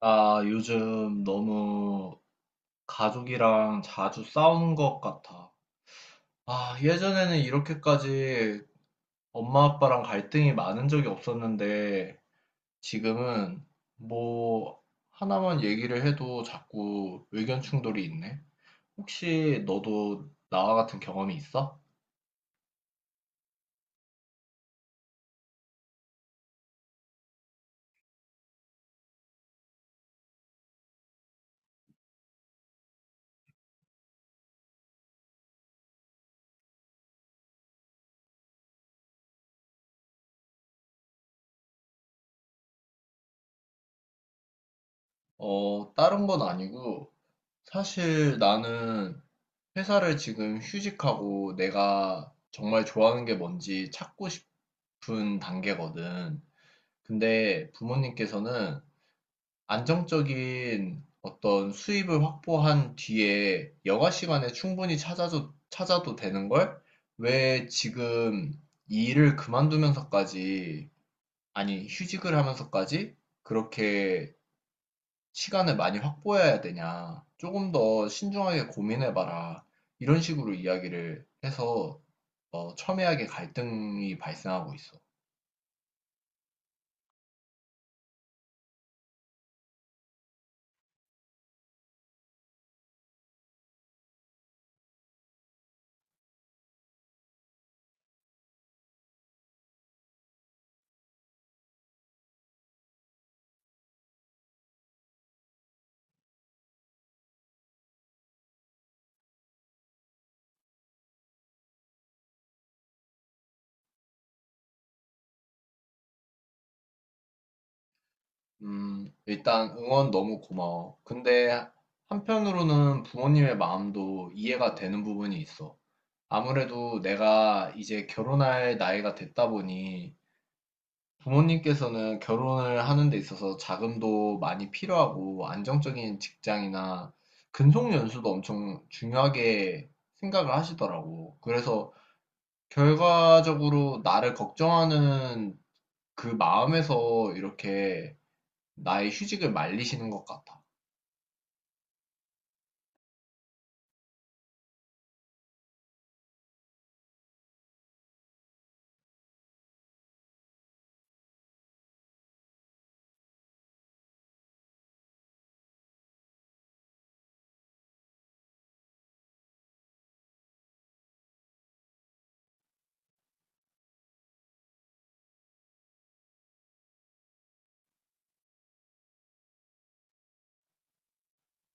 나 요즘 너무 가족이랑 자주 싸우는 것 같아. 아, 예전에는 이렇게까지 엄마 아빠랑 갈등이 많은 적이 없었는데 지금은 뭐 하나만 얘기를 해도 자꾸 의견 충돌이 있네. 혹시 너도 나와 같은 경험이 있어? 다른 건 아니고 사실 나는 회사를 지금 휴직하고 내가 정말 좋아하는 게 뭔지 찾고 싶은 단계거든. 근데 부모님께서는 안정적인 어떤 수입을 확보한 뒤에 여가 시간에 충분히 찾아도 되는 걸 왜 지금 이 일을 그만두면서까지, 아니, 휴직을 하면서까지 그렇게 시간을 많이 확보해야 되냐. 조금 더 신중하게 고민해봐라. 이런 식으로 이야기를 해서 첨예하게 갈등이 발생하고 있어. 일단 응원 너무 고마워. 근데 한편으로는 부모님의 마음도 이해가 되는 부분이 있어. 아무래도 내가 이제 결혼할 나이가 됐다 보니 부모님께서는 결혼을 하는 데 있어서 자금도 많이 필요하고 안정적인 직장이나 근속 연수도 엄청 중요하게 생각을 하시더라고. 그래서 결과적으로 나를 걱정하는 그 마음에서 이렇게 나의 휴직을 말리시는 것 같아.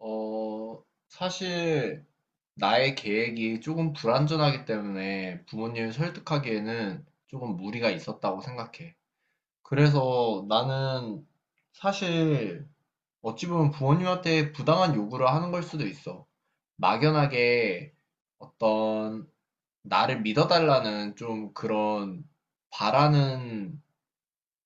사실 나의 계획이 조금 불완전하기 때문에 부모님을 설득하기에는 조금 무리가 있었다고 생각해. 그래서 나는 사실 어찌 보면 부모님한테 부당한 요구를 하는 걸 수도 있어. 막연하게 어떤 나를 믿어달라는 좀 그런 바라는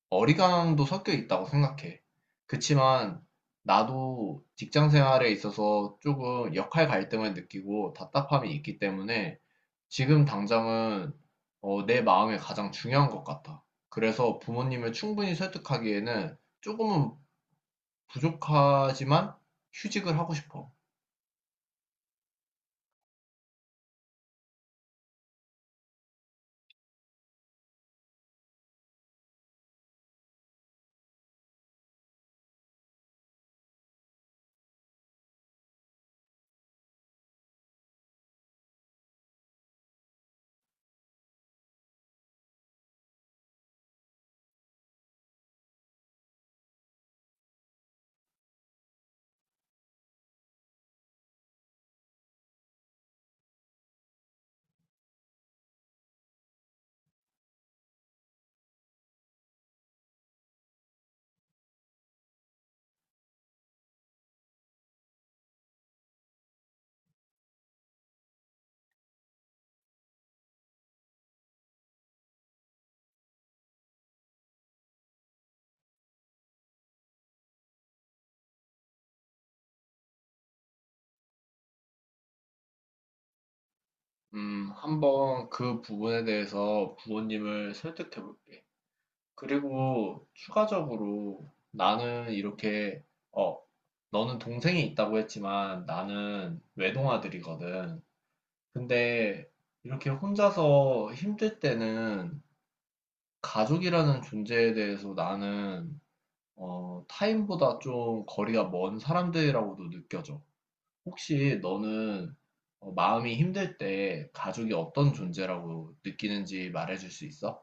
어리광도 섞여 있다고 생각해. 그치만 나도 직장 생활에 있어서 조금 역할 갈등을 느끼고 답답함이 있기 때문에 지금 당장은 내 마음이 가장 중요한 것 같아. 그래서 부모님을 충분히 설득하기에는 조금은 부족하지만 휴직을 하고 싶어. 한번 그 부분에 대해서 부모님을 설득해 볼게. 그리고 추가적으로 나는 어, 너는 동생이 있다고 했지만 나는 외동아들이거든. 근데 이렇게 혼자서 힘들 때는 가족이라는 존재에 대해서 나는 타인보다 좀 거리가 먼 사람들이라고도 느껴져. 혹시 너는 마음이 힘들 때 가족이 어떤 존재라고 느끼는지 말해줄 수 있어?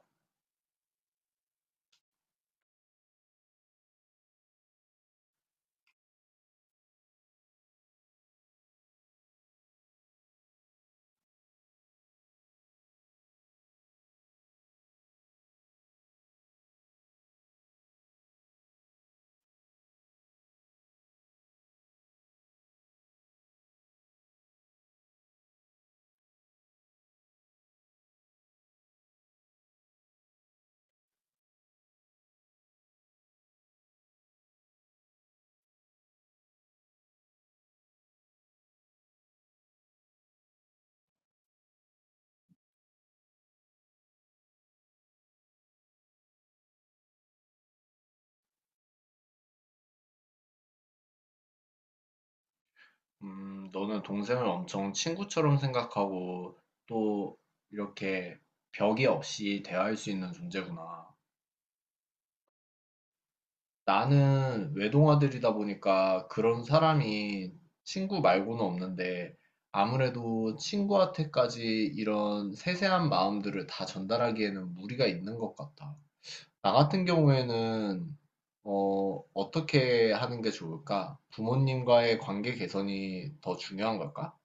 너는 동생을 엄청 친구처럼 생각하고 또 이렇게 벽이 없이 대화할 수 있는 존재구나. 나는 외동아들이다 보니까 그런 사람이 친구 말고는 없는데 아무래도 친구한테까지 이런 세세한 마음들을 다 전달하기에는 무리가 있는 것 같아. 나 같은 경우에는 어떻게 하는 게 좋을까? 부모님과의 관계 개선이 더 중요한 걸까?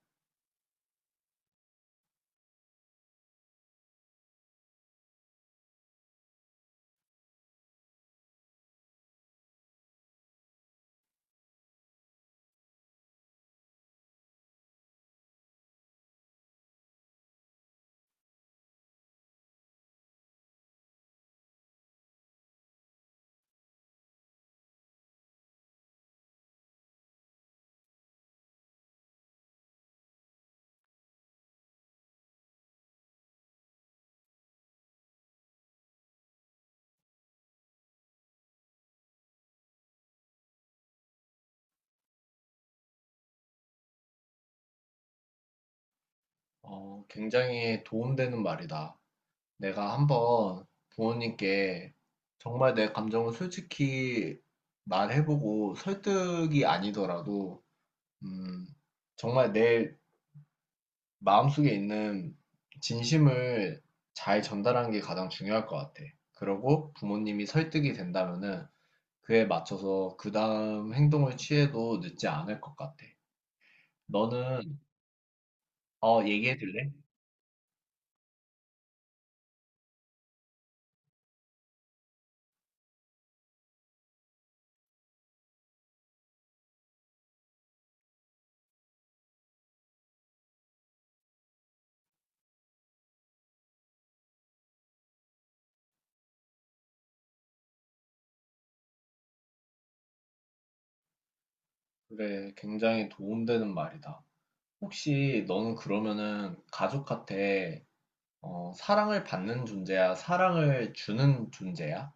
어, 굉장히 도움되는 말이다. 내가 한번 부모님께 정말 내 감정을 솔직히 말해보고 설득이 아니더라도, 음, 정말 내 마음속에 있는 진심을 잘 전달하는 게 가장 중요할 것 같아. 그러고 부모님이 설득이 된다면은 그에 맞춰서 그 다음 행동을 취해도 늦지 않을 것 같아. 너는, 얘기해 줄래? 그래, 굉장히 도움되는 말이다. 혹시 너는 그러면은 가족한테 사랑을 받는 존재야? 사랑을 주는 존재야?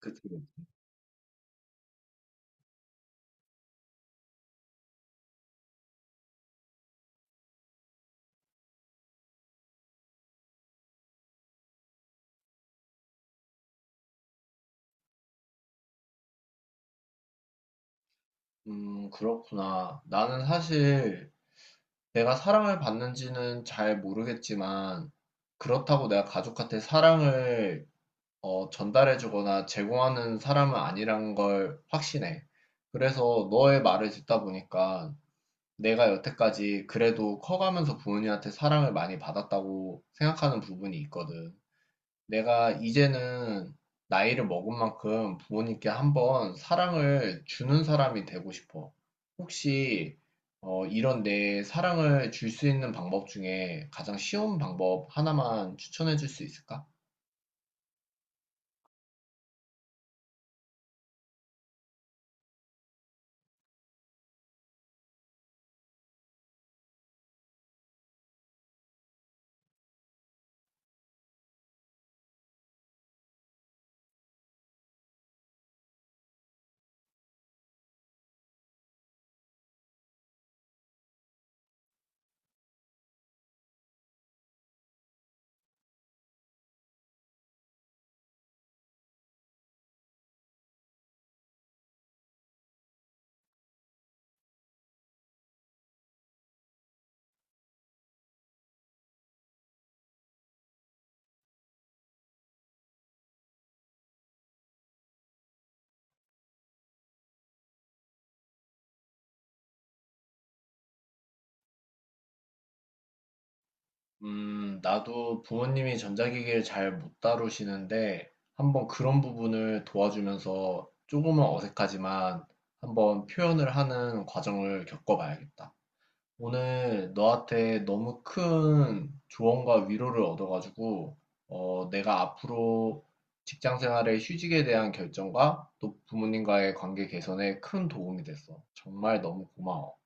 그치. 그렇구나. 나는 사실 내가 사랑을 받는지는 잘 모르겠지만 그렇다고 내가 가족한테 사랑을 전달해주거나 제공하는 사람은 아니란 걸 확신해. 그래서 너의 말을 듣다 보니까 내가 여태까지 그래도 커가면서 부모님한테 사랑을 많이 받았다고 생각하는 부분이 있거든. 내가 이제는 나이를 먹은 만큼 부모님께 한번 사랑을 주는 사람이 되고 싶어. 혹시 이런 내 사랑을 줄 수 있는 방법 중에 가장 쉬운 방법 하나만 추천해 줄 수 있을까? 나도 부모님이 전자기기를 잘 못 다루시는데 한번 그런 부분을 도와주면서 조금은 어색하지만 한번 표현을 하는 과정을 겪어봐야겠다. 오늘 너한테 너무 큰 조언과 위로를 얻어가지고, 내가 앞으로 직장 생활의 휴직에 대한 결정과 또 부모님과의 관계 개선에 큰 도움이 됐어. 정말 너무 고마워.